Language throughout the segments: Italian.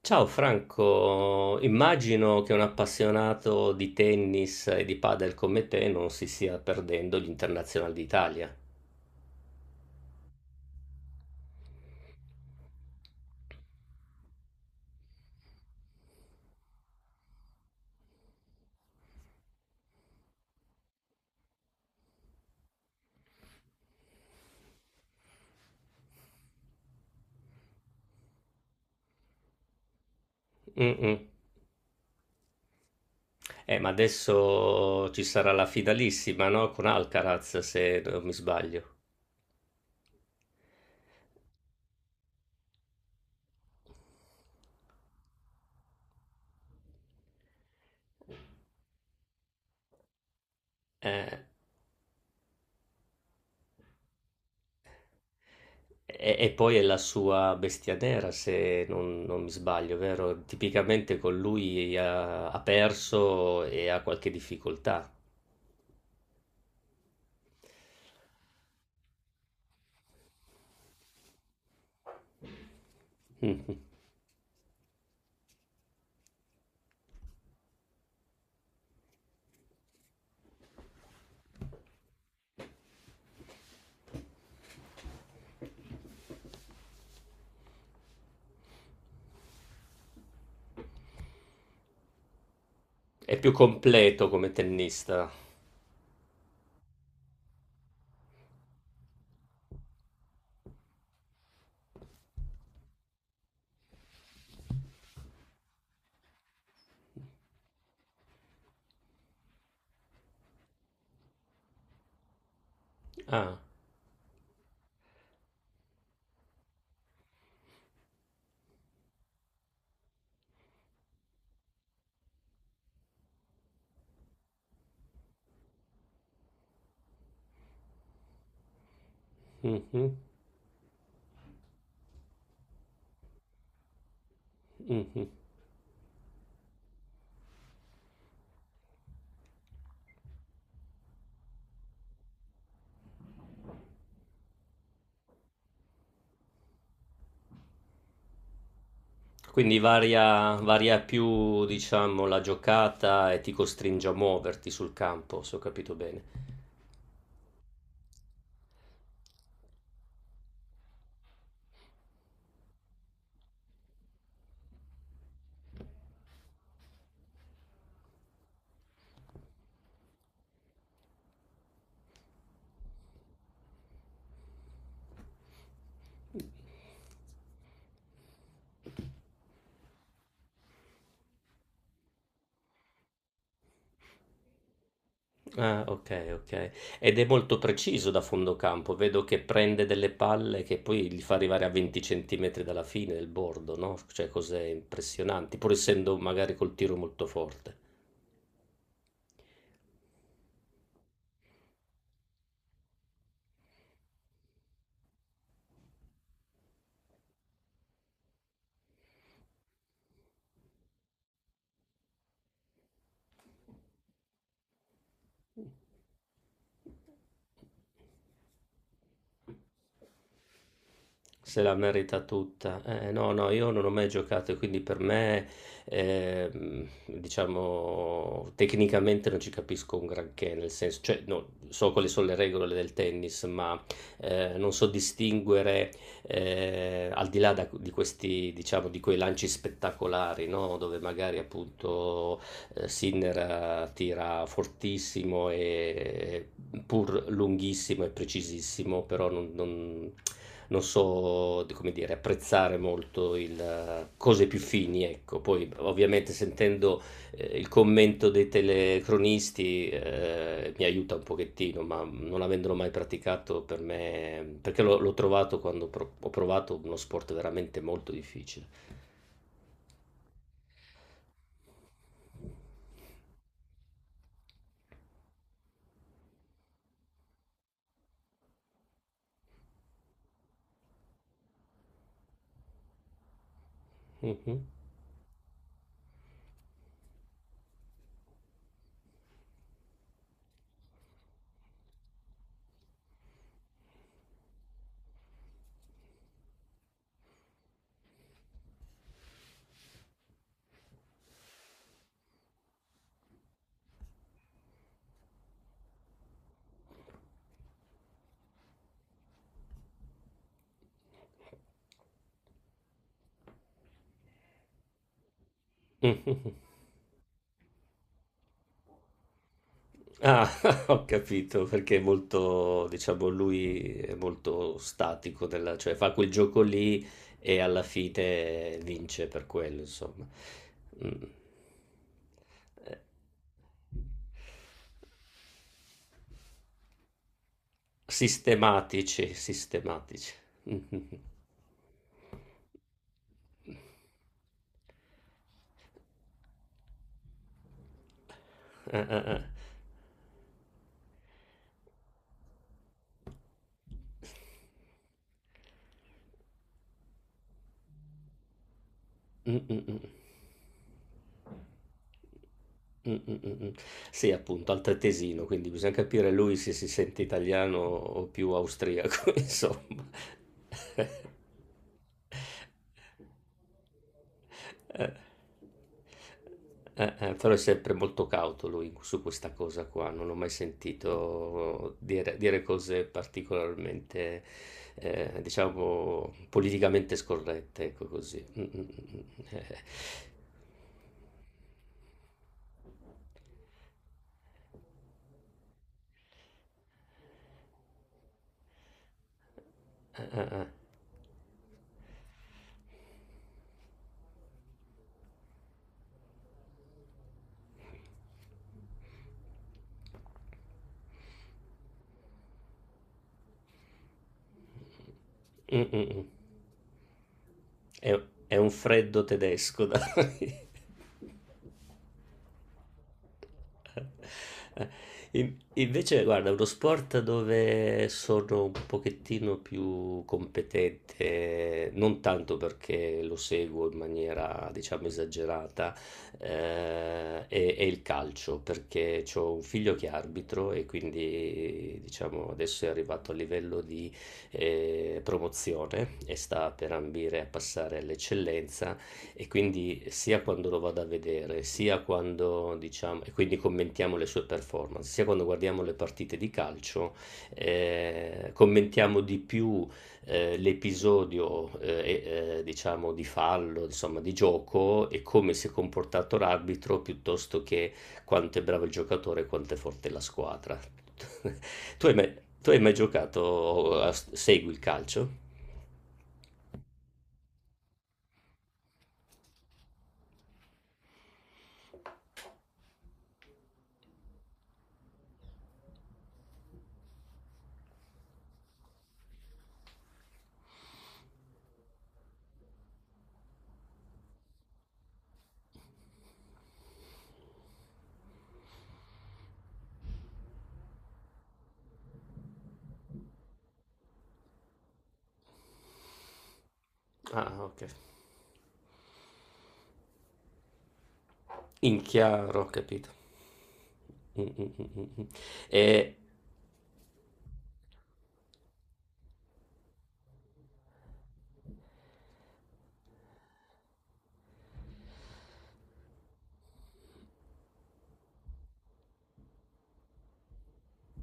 Ciao Franco, immagino che un appassionato di tennis e di padel come te non si stia perdendo gli internazionali d'Italia. Mm-mm. Ma adesso ci sarà la fidalissima, no? Con Alcaraz, se non mi sbaglio. Eh, e poi è la sua bestia nera, se non mi sbaglio, vero? Tipicamente con lui ha perso e ha qualche difficoltà. Mhm. È più completo come tennista. Ah. Mh-mh. Mh-mh. Quindi varia più, diciamo, la giocata e ti costringe a muoverti sul campo, se ho capito bene. Ah, okay, okay. Ed è molto preciso da fondo campo. Vedo che prende delle palle che poi li fa arrivare a 20 centimetri dalla fine del bordo, no, cioè cose impressionanti, pur essendo magari col tiro molto forte. Se la merita tutta. No, no, io non ho mai giocato e quindi per me, diciamo, tecnicamente non ci capisco un granché, nel senso, cioè, no, so quali sono le regole del tennis, ma non so distinguere al di là di questi, diciamo, di quei lanci spettacolari, no? Dove magari appunto Sinner tira fortissimo e pur lunghissimo e precisissimo, però non so, come dire, apprezzare molto il, cose più fini, ecco. Poi ovviamente sentendo il commento dei telecronisti, mi aiuta un pochettino, ma non avendolo mai praticato per me perché l'ho trovato quando pro ho provato uno sport veramente molto difficile. Mh-mh. Mh-mh. Ah, ho capito, perché è molto diciamo lui è molto statico nella cioè fa quel gioco lì e alla fine vince per quello insomma. Mh. Ehm, sistematici, sistematici. Mh-mh-mh. Eh. Mm, mm, mm. Mm, mm, mm, mm. Sì, appunto, altoatesino, quindi bisogna capire lui se si sente italiano o più austriaco, insomma. Eh, però è sempre molto cauto lui su questa cosa qua, non ho mai sentito dire cose particolarmente, diciamo, politicamente scorrette, ecco così. Mm, mm, mm, mm. Eh. Mm, mm, mm. È, è un freddo tedesco, dai. Invece, guarda, uno sport dove sono un pochettino più competente, non tanto perché lo seguo in maniera, diciamo, esagerata, è il calcio, perché ho un figlio che è arbitro e quindi, diciamo, adesso è arrivato a livello di promozione e sta per ambire a passare all'eccellenza e quindi sia quando lo vado a vedere, sia quando diciamo, e quindi commentiamo le sue performance, sia quando guardiamo le partite di calcio, commentiamo di più l'episodio diciamo di fallo, insomma di gioco e come si è comportato l'arbitro piuttosto che quanto è bravo il giocatore e quanto è forte la squadra. Tu hai mai, tu hai mai giocato, segui il calcio? Ah, ok. In chiaro, ho capito. Mm, mm, mm, mm, mm. E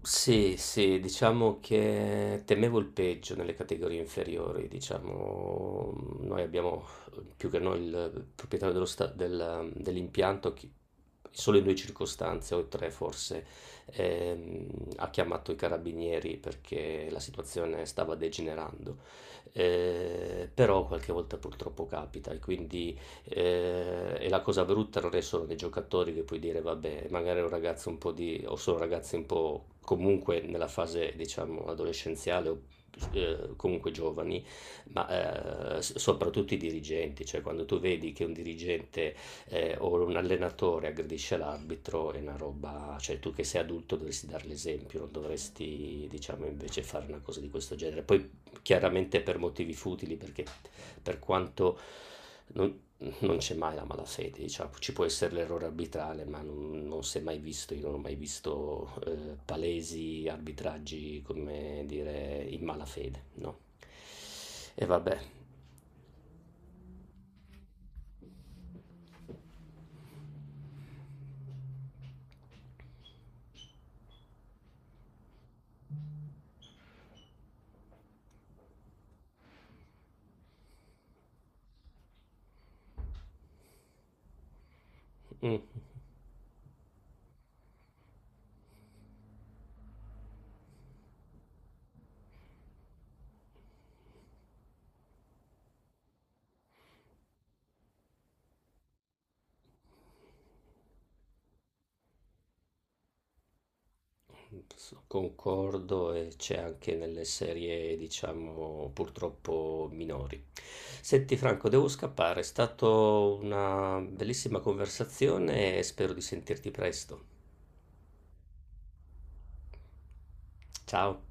sì, sì, diciamo che temevo il peggio nelle categorie inferiori, diciamo, noi abbiamo più che noi il proprietario dello dell'impianto, solo in due circostanze, o tre forse, ehm, ha chiamato i carabinieri perché la situazione stava degenerando. Però qualche volta purtroppo capita e quindi. E la cosa brutta non è solo che i giocatori, che puoi dire, vabbè, magari è un ragazzo un po' di, o sono ragazzi un po' comunque nella fase, diciamo, adolescenziale o comunque giovani, ma soprattutto i dirigenti, cioè quando tu vedi che un dirigente o un allenatore aggredisce l'arbitro è una roba, cioè tu che sei adulto dovresti dare l'esempio, non dovresti, diciamo, invece fare una cosa di questo genere. Poi chiaramente per motivi futili, perché per quanto non, non c'è mai la malafede, diciamo. Ci può essere l'errore arbitrale, ma non si è mai visto, io non ho mai visto palesi arbitraggi, come dire, in malafede, no. E vabbè, mm, concordo e c'è anche nelle serie, diciamo, purtroppo minori. Senti Franco, devo scappare, è stata una bellissima conversazione e spero di sentirti presto. Ciao.